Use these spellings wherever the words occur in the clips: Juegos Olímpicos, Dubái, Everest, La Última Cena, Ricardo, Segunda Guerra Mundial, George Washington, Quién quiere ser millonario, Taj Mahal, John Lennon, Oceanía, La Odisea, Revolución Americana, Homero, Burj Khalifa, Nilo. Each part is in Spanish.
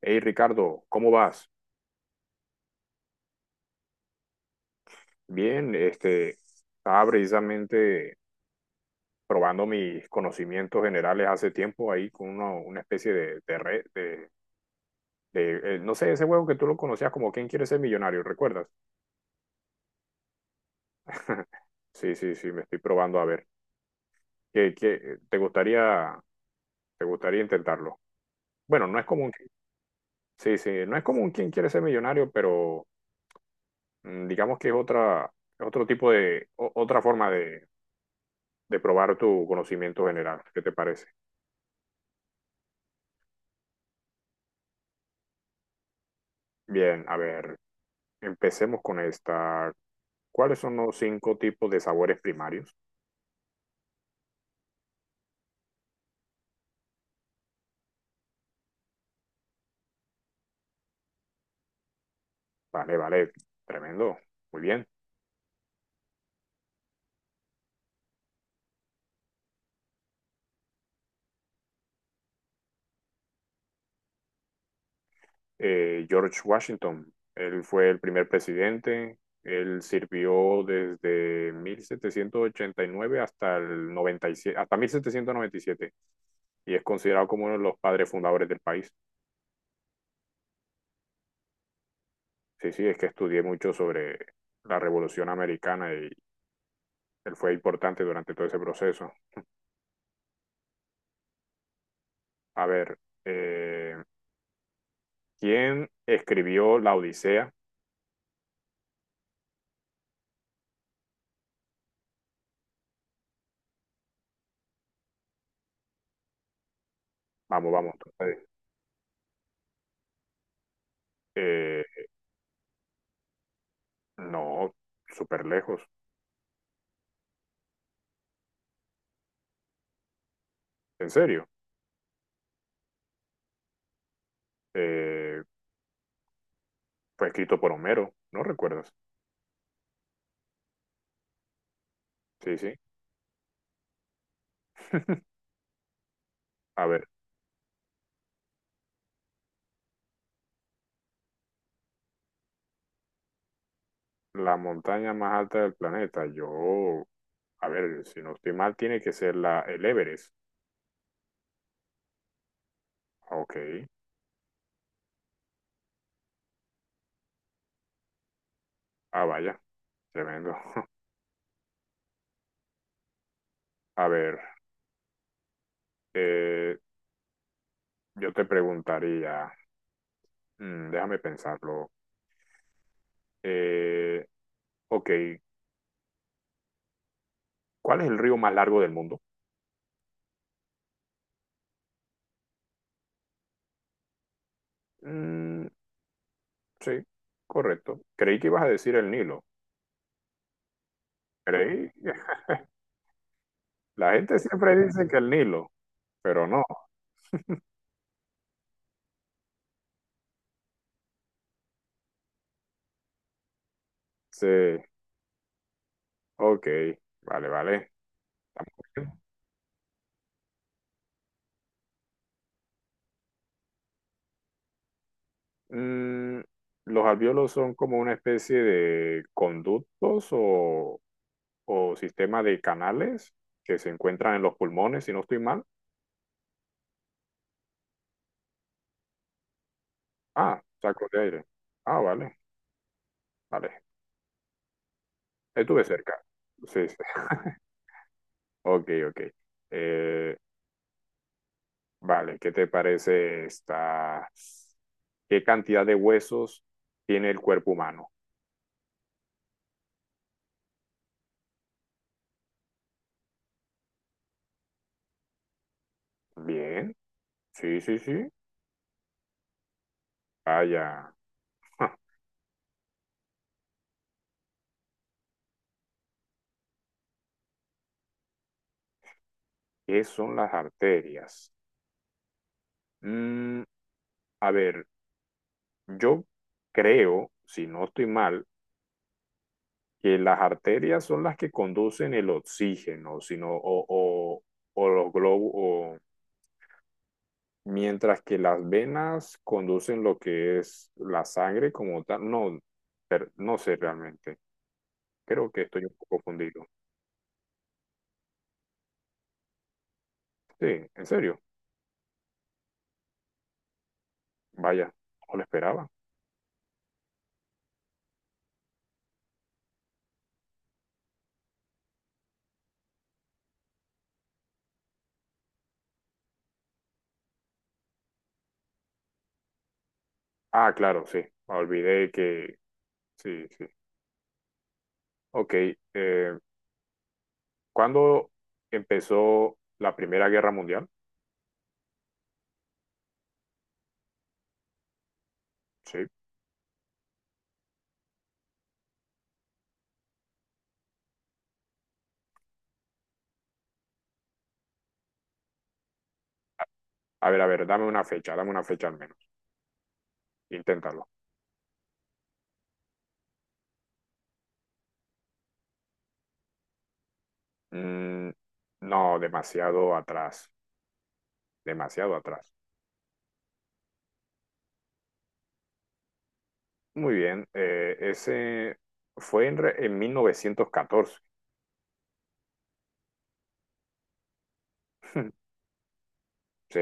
Hey Ricardo, ¿cómo vas? Bien, estaba precisamente probando mis conocimientos generales hace tiempo ahí con una especie de, red, no sé, ese juego que tú lo conocías como ¿Quién quiere ser millonario? ¿Recuerdas? Sí, sí, sí, me estoy probando a ver. ¿Qué, qué- te gustaría, te gustaría intentarlo? Bueno, no es común, sí, sí, no es común quién quiere ser millonario, pero digamos que es otro tipo de, otra forma de, probar tu conocimiento general. ¿Qué te parece? Bien, a ver, empecemos con esta. ¿Cuáles son los cinco tipos de sabores primarios? Vale, vale, tremendo, muy bien. George Washington, él fue el primer presidente, él sirvió desde 1789 hasta el 97 hasta 1797 y siete y es considerado como uno de los padres fundadores del país. Sí, sí, es que estudié mucho sobre la Revolución Americana y él fue importante durante todo ese proceso. A ver, eh, ¿quién escribió La Odisea? Vamos, vamos. Tú puedes. Eh, no, súper lejos. En serio. Eh, fue escrito por Homero. ¿No recuerdas? Sí, sí. A ver, la montaña más alta del planeta. Yo, a ver, si no estoy mal, tiene que ser la, el Everest. Ah, ok. Ah, vaya. Tremendo. A ver, eh, yo te preguntaría, déjame pensarlo. Eh, ok, ¿cuál es el río más largo del mundo? Mm, Sí, correcto. Creí que ibas a decir el Nilo. Creí. La gente siempre dice que el Nilo, pero no. Sí, ok, vale, vale. Estamos bien. ¿Los alvéolos son como una especie de conductos o, sistema de canales que se encuentran en los pulmones, si no estoy mal? Ah, saco de aire. Ah, vale, vale. Estuve cerca. Sí, sí. Ok, ok. Eh, Vale, ¿qué te parece esta? ¿Qué cantidad de huesos tiene el cuerpo humano? Bien, sí, sí, sí. Vaya, ja, ¿qué son las arterias? Mm, a ver, yo creo, si no estoy mal, que las arterias son las que conducen el oxígeno, sino, o los globos, mientras que las venas conducen lo que es la sangre como tal. No, no sé realmente. Creo que estoy un poco fundido. Sí, en serio. Vaya, no lo esperaba. Ah, claro, sí. Me olvidé que... Sí, sí. Ok. eh, ¿cuándo empezó la Primera Guerra Mundial? Sí. A ver, dame una fecha al menos. Inténtalo. Mm, no, demasiado atrás. Demasiado atrás. Muy bien. Ese fue en 1914. Sí,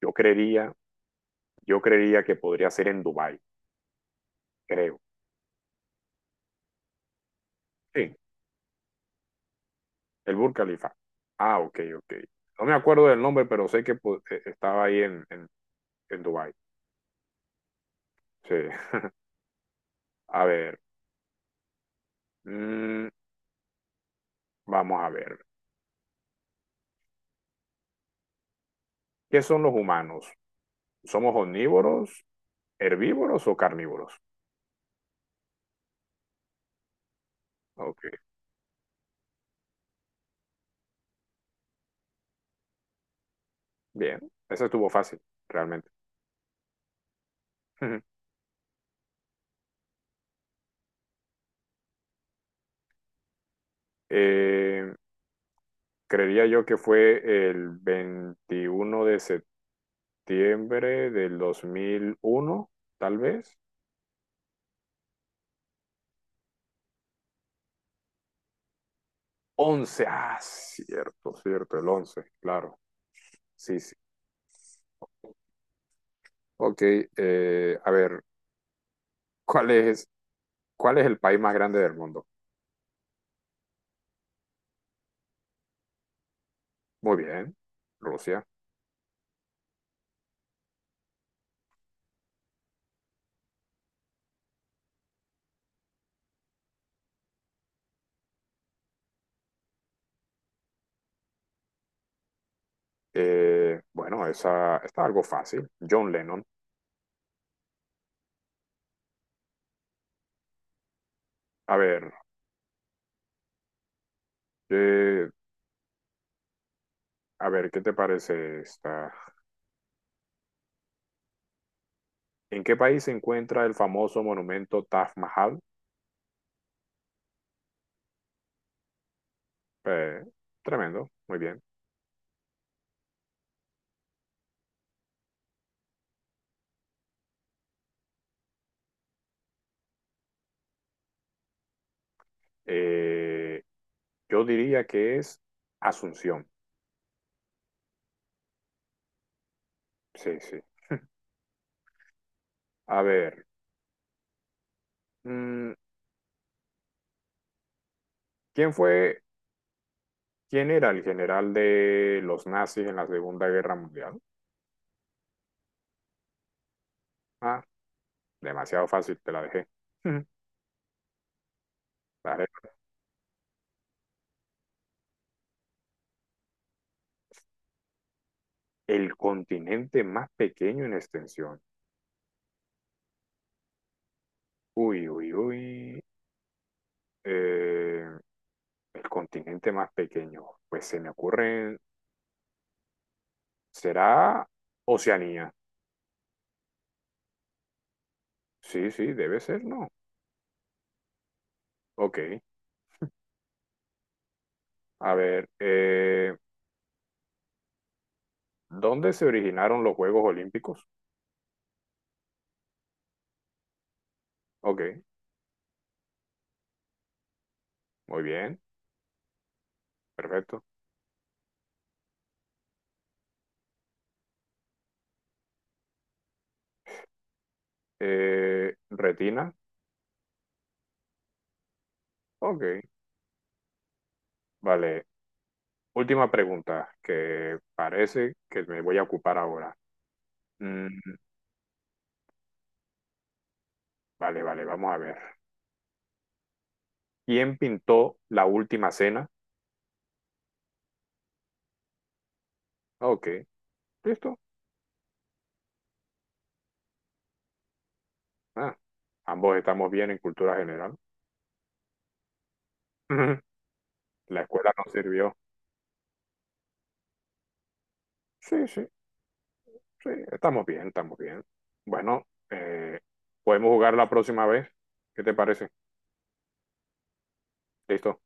yo creería, yo creería que podría ser en Dubái, creo. Sí. El Burj Khalifa. Ah, ok, ok. No me acuerdo del nombre, pero sé que pues, estaba ahí en Dubái. Sí. A ver, mm, vamos a ver. ¿Qué son los humanos? ¿Somos omnívoros, herbívoros o carnívoros? Ok, bien. Ese estuvo fácil, realmente. Eh, creería yo que fue el 21 de septiembre del 2001, tal vez. Once. Ah, cierto, cierto, el 11. Claro. Sí, sí. Ok, a ver, ¿cuál es, cuál es el país más grande del mundo? Muy bien, Rusia. Bueno, esa está algo fácil. John Lennon. A ver, eh, a ver, ¿qué te parece esta? ¿En qué país se encuentra el famoso monumento Taj Mahal? Eh, tremendo, muy bien. Eh, yo diría que es Asunción. Sí, sí. A ver, mm, ¿quién fue, quién era el general de los nazis en la Segunda Guerra Mundial? Ah, demasiado fácil, te la dejé. Ujú. ¿Vale? El continente más pequeño en extensión. Uy, uy, uy. Eh, el continente más pequeño. Pues se me ocurre. ¿Será Oceanía? Sí, sí, debe ser, ¿no? Ok. A ver. ¿Dónde se originaron los Juegos Olímpicos? Ok. Muy bien. Perfecto. ¿Retina? Ok. Vale. Última pregunta que parece que me voy a ocupar ahora. Mm, Vale, vale, vamos a ver. ¿Quién pintó La Última Cena? Ah, ok, listo. Ah, ambos estamos bien en cultura general. La escuela nos sirvió. Sí, sí, sí, estamos bien, estamos bien. Bueno, podemos jugar la próxima vez. ¿Qué te parece? Listo.